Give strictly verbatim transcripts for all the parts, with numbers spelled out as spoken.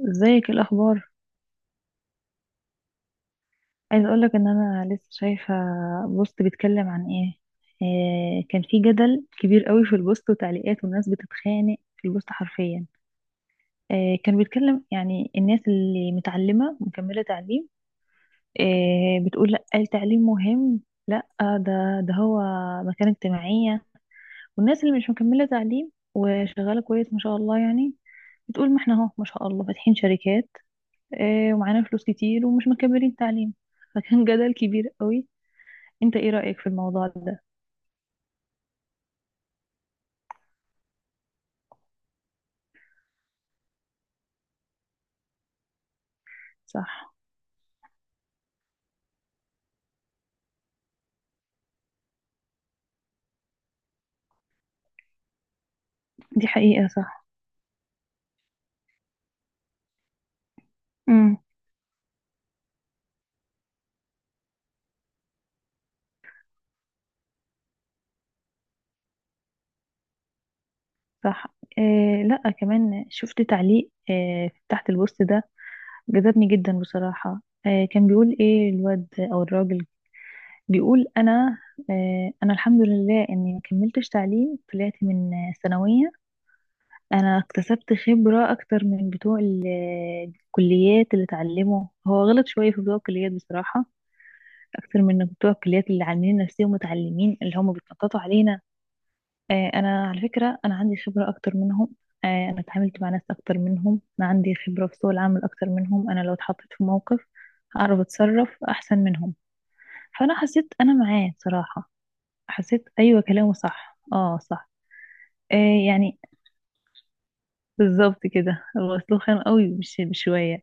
ازيك؟ إيه الاخبار؟ عايز اقولك ان انا لسه شايفه بوست بيتكلم عن ايه. إيه كان في جدل كبير قوي في البوست وتعليقات، والناس بتتخانق في البوست حرفيا. إيه كان بيتكلم يعني الناس اللي متعلمه مكمله تعليم، إيه بتقول لا التعليم مهم، لا ده ده هو مكانه اجتماعيه. والناس اللي مش مكمله تعليم وشغاله كويس ما شاء الله يعني، بتقول ما احنا اهو ما شاء الله فاتحين شركات آه، ومعانا فلوس كتير ومش مكملين التعليم. فكان جدل كبير قوي. انت ايه رأيك في الموضوع ده؟ صح. دي حقيقة صح. امم صح. آه لا، كمان شفت تعليق آه تحت البوست ده، جذبني جدا بصراحة. آه كان بيقول ايه الواد او الراجل، بيقول انا، آه انا الحمد لله اني ما كملتش تعليم، طلعت من آه، ثانوية. انا اكتسبت خبرة اكتر من بتوع ال- الكليات اللي اتعلموا، هو غلط شوية في بتوع الكليات بصراحة، اكتر من بتوع الكليات اللي عاملين نفسهم متعلمين اللي هم بيتنططوا علينا. آه، انا على فكره انا عندي خبره اكتر منهم. آه، انا اتعاملت مع ناس اكتر منهم، انا عندي خبره في سوق العمل اكتر منهم، انا لو اتحطيت في موقف هعرف اتصرف احسن منهم. فانا حسيت انا معاه صراحه، حسيت ايوه كلامه صح. اه صح. آه، يعني بالظبط كده، هو اسلوب خام قوي مش بشويه.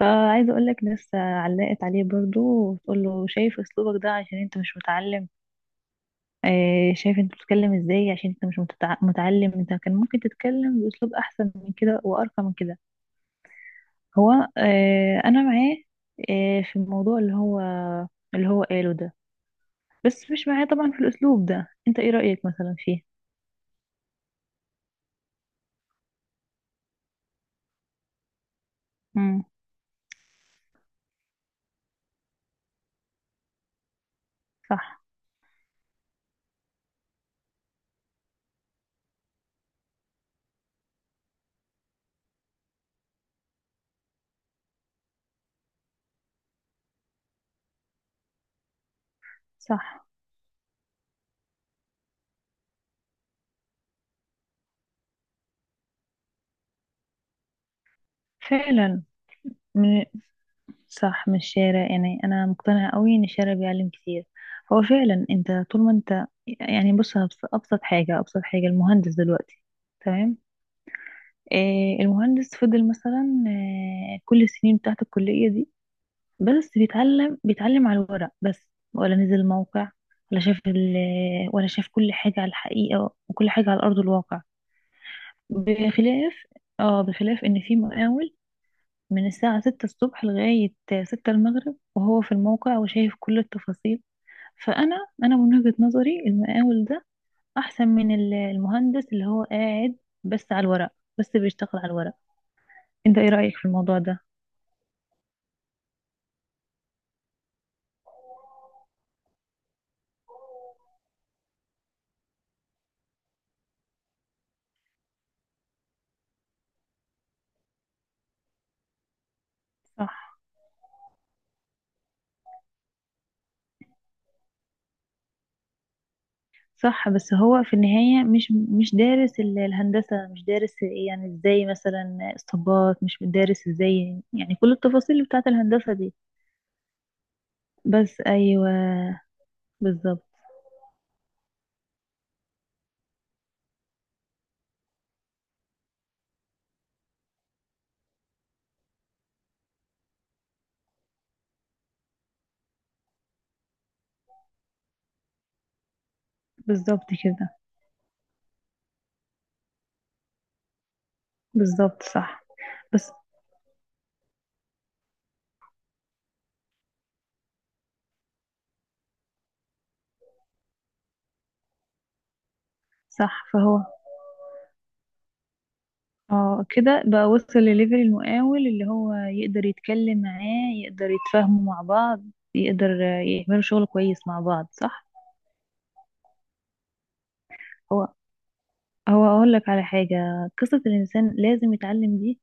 فعايزه اقول لك ناس علقت عليه برضو، وتقول له شايف اسلوبك ده عشان انت مش متعلم، آه، شايف انت بتتكلم ازاي عشان انت مش متتع- متعلم، انت كان ممكن تتكلم باسلوب احسن من كده وارقى من كده. هو، آه، انا معاه آه، في الموضوع اللي هو اللي هو قاله ده، بس مش معاه طبعا في الاسلوب ده. انت ايه رايك مثلا فيه؟ امم صح. صح فعلا. من صح، من الشارع يعني. انا مقتنعه قوي ان الشارع بيعلم كتير. هو فعلا انت طول ما انت، يعني بص أبس- ابسط حاجه، ابسط حاجه المهندس دلوقتي. تمام. آه، المهندس فضل مثلا آه، كل السنين بتاعت الكلية دي بس بيتعلم، بيتعلم على الورق بس، ولا نزل موقع، ولا شاف ال ولا شاف كل حاجة على الحقيقة، وكل حاجة على أرض الواقع. بخلاف، اه بخلاف إن في مقاول من الساعة ستة الصبح لغاية ستة المغرب وهو في الموقع وشايف كل التفاصيل. فأنا، أنا من وجهة نظري المقاول ده أحسن من ال- المهندس اللي هو قاعد بس على الورق، بس بيشتغل على الورق. انت ايه رأيك في الموضوع ده؟ صح. صح بس هو في النهاية مش، مش دارس ال- الهندسة، مش دارس إيه، يعني ازاي مثلا اسطبات، مش دارس ازاي يعني كل التفاصيل بتاعت الهندسة دي. بس ايوه. بالظبط. بالظبط كده. بالظبط صح. بس صح فهو، اه كده بقى وصل لليفل المقاول اللي هو يقدر يتكلم معاه، يقدر يتفاهموا مع بعض، يقدر يعملوا شغل كويس مع بعض. صح. هو هو اقول لك على حاجة، قصة الانسان لازم يتعلم دي،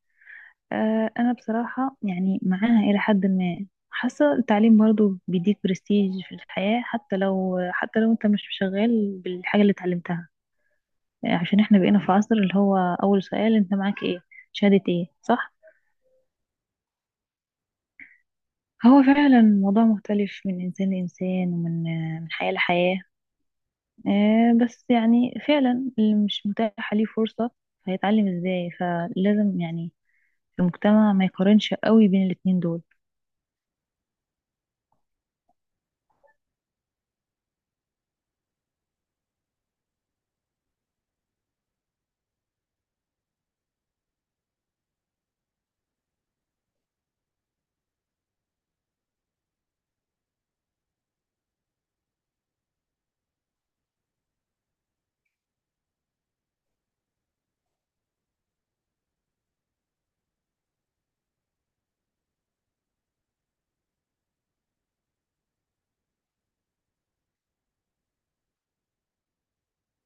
آه، انا بصراحة يعني معاها الى حد ما. حاسة التعليم برضو بيديك برستيج في الحياة، حتى لو حتى لو انت مش شغال بالحاجة اللي اتعلمتها. آه، عشان احنا بقينا في عصر اللي هو اول سؤال انت معاك ايه، شهادة ايه. صح. هو فعلا الموضوع مختلف من انسان لانسان، ومن آه، من حياة لحياة. آه، بس يعني فعلا اللي مش متاحة ليه فرصة هيتعلم ازاي، فلازم يعني المجتمع ما يقارنش قوي بين الاتنين دول.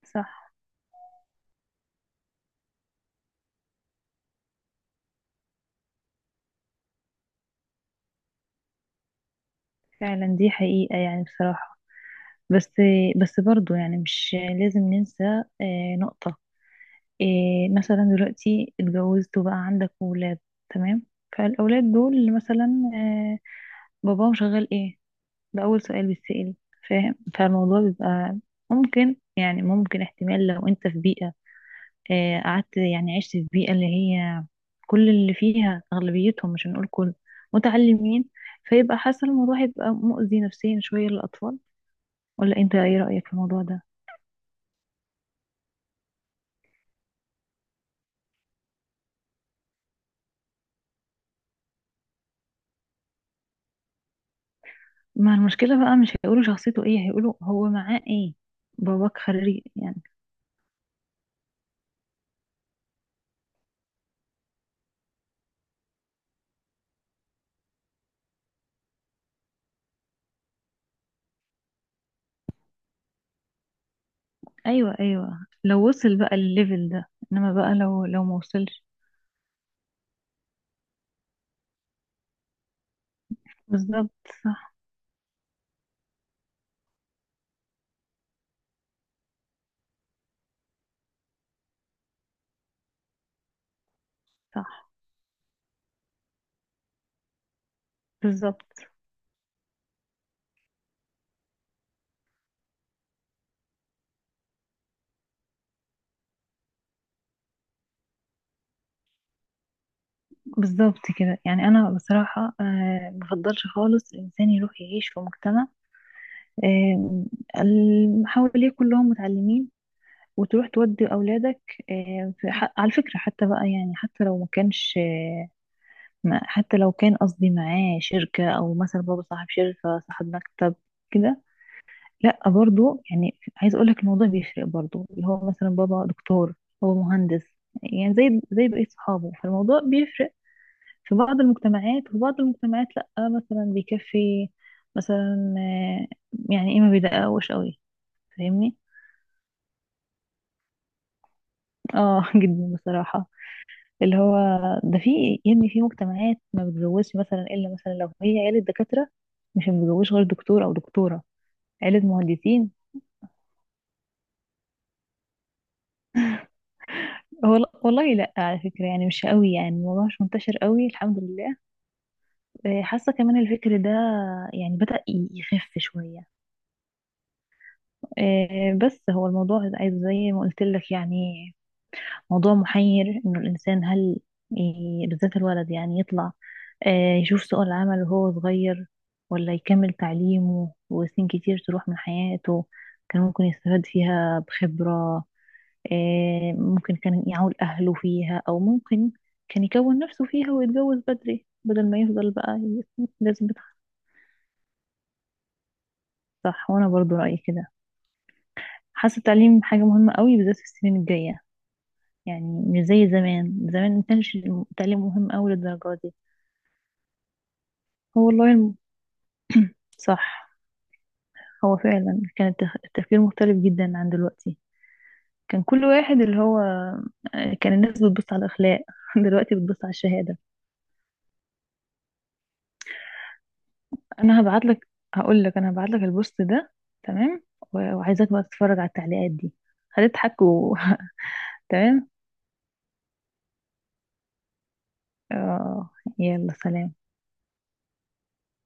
صح فعلا، دي حقيقة يعني بصراحة. بس بس برضو يعني مش لازم ننسى آه، نقطة. آه، مثلا دلوقتي اتجوزت وبقى عندك ولاد، تمام، فالأولاد دول مثلا آه، باباهم شغال ايه، ده أول سؤال بيتسأل. فاهم؟ فالموضوع بيبقى ممكن، يعني ممكن احتمال لو انت في بيئة، آه، قعدت يعني عشت في بيئة اللي هي كل اللي فيها أغلبيتهم، مش هنقول كل، متعلمين. فيبقى حاسة الموضوع هيبقى مؤذي نفسيا شوية للأطفال، ولا انت ايه رأيك في الموضوع ده؟ ما المشكلة بقى، مش هيقولوا شخصيته ايه، هيقولوا هو معاه ايه. باباك خريج يعني. ايوه ايوه، لو وصل بقى الليفل ده، انما بقى لو لو ما وصلش. بالظبط. صح. صح. بالظبط. بالظبط كده. يعني انا بصراحة آه بفضلش خالص الانسان يروح يعيش في مجتمع، آه، ال- حواليه كلهم متعلمين وتروح تودي اولادك، آه في ح- على فكرة حتى بقى، يعني حتى لو ما كانش، ما حتى لو كان قصدي معاه شركة، أو مثلا بابا صاحب شركة صاحب مكتب كده. لا برضو يعني عايز أقولك الموضوع بيفرق برضو، اللي هو مثلا بابا دكتور، هو مهندس، يعني زي زي بقية صحابه. فالموضوع بيفرق في بعض المجتمعات، وفي بعض المجتمعات لا، مثلا بيكفي، مثلا آه، يعني إيه، ما بيدققوش قوي. فاهمني؟ اه جدا بصراحة. اللي هو ده، في يعني في مجتمعات ما بتجوزش مثلا الا مثلا لو هي عيلة دكاترة، مش متجوزش غير دكتور او دكتورة. عيلة مهندسين. هو والله لا على فكرة يعني مش قوي، يعني الموضوع مش منتشر قوي الحمد لله. آه، حاسة كمان الفكر ده يعني بدأ ي- يخف شوية. آه، بس هو الموضوع عايز زي ما قلت لك، يعني موضوع محير، انه الانسان هل ي- بالذات الولد يعني يطلع آه، يشوف سوق العمل وهو صغير، ولا يكمل تعليمه وسنين كتير تروح من حياته كان ممكن يستفاد فيها بخبرة، آه، ممكن كان يعول أهله فيها، أو ممكن كان يكون نفسه فيها ويتجوز بدري، بدل ما يفضل بقى ي- لازم يتخ- صح، وأنا برضو رأيي كده. حاسة التعليم حاجة مهمة قوي بالذات في السنين الجاية، يعني مش زي زمان، زمان ما كانش التعليم مهم أوي للدرجة دي. هو والله الم- صح. هو فعلا كان التخ- التفكير مختلف جدا عن دلوقتي. كان كل واحد اللي هو آه، كان الناس بتبص على الأخلاق، دلوقتي بتبص على الشهادة. أنا هبعت لك هقول لك، أنا هبعت لك البوست ده، تمام، و- وعايزاك بقى تتفرج على التعليقات دي، هتضحك و... تمام. آه، يلا سلام.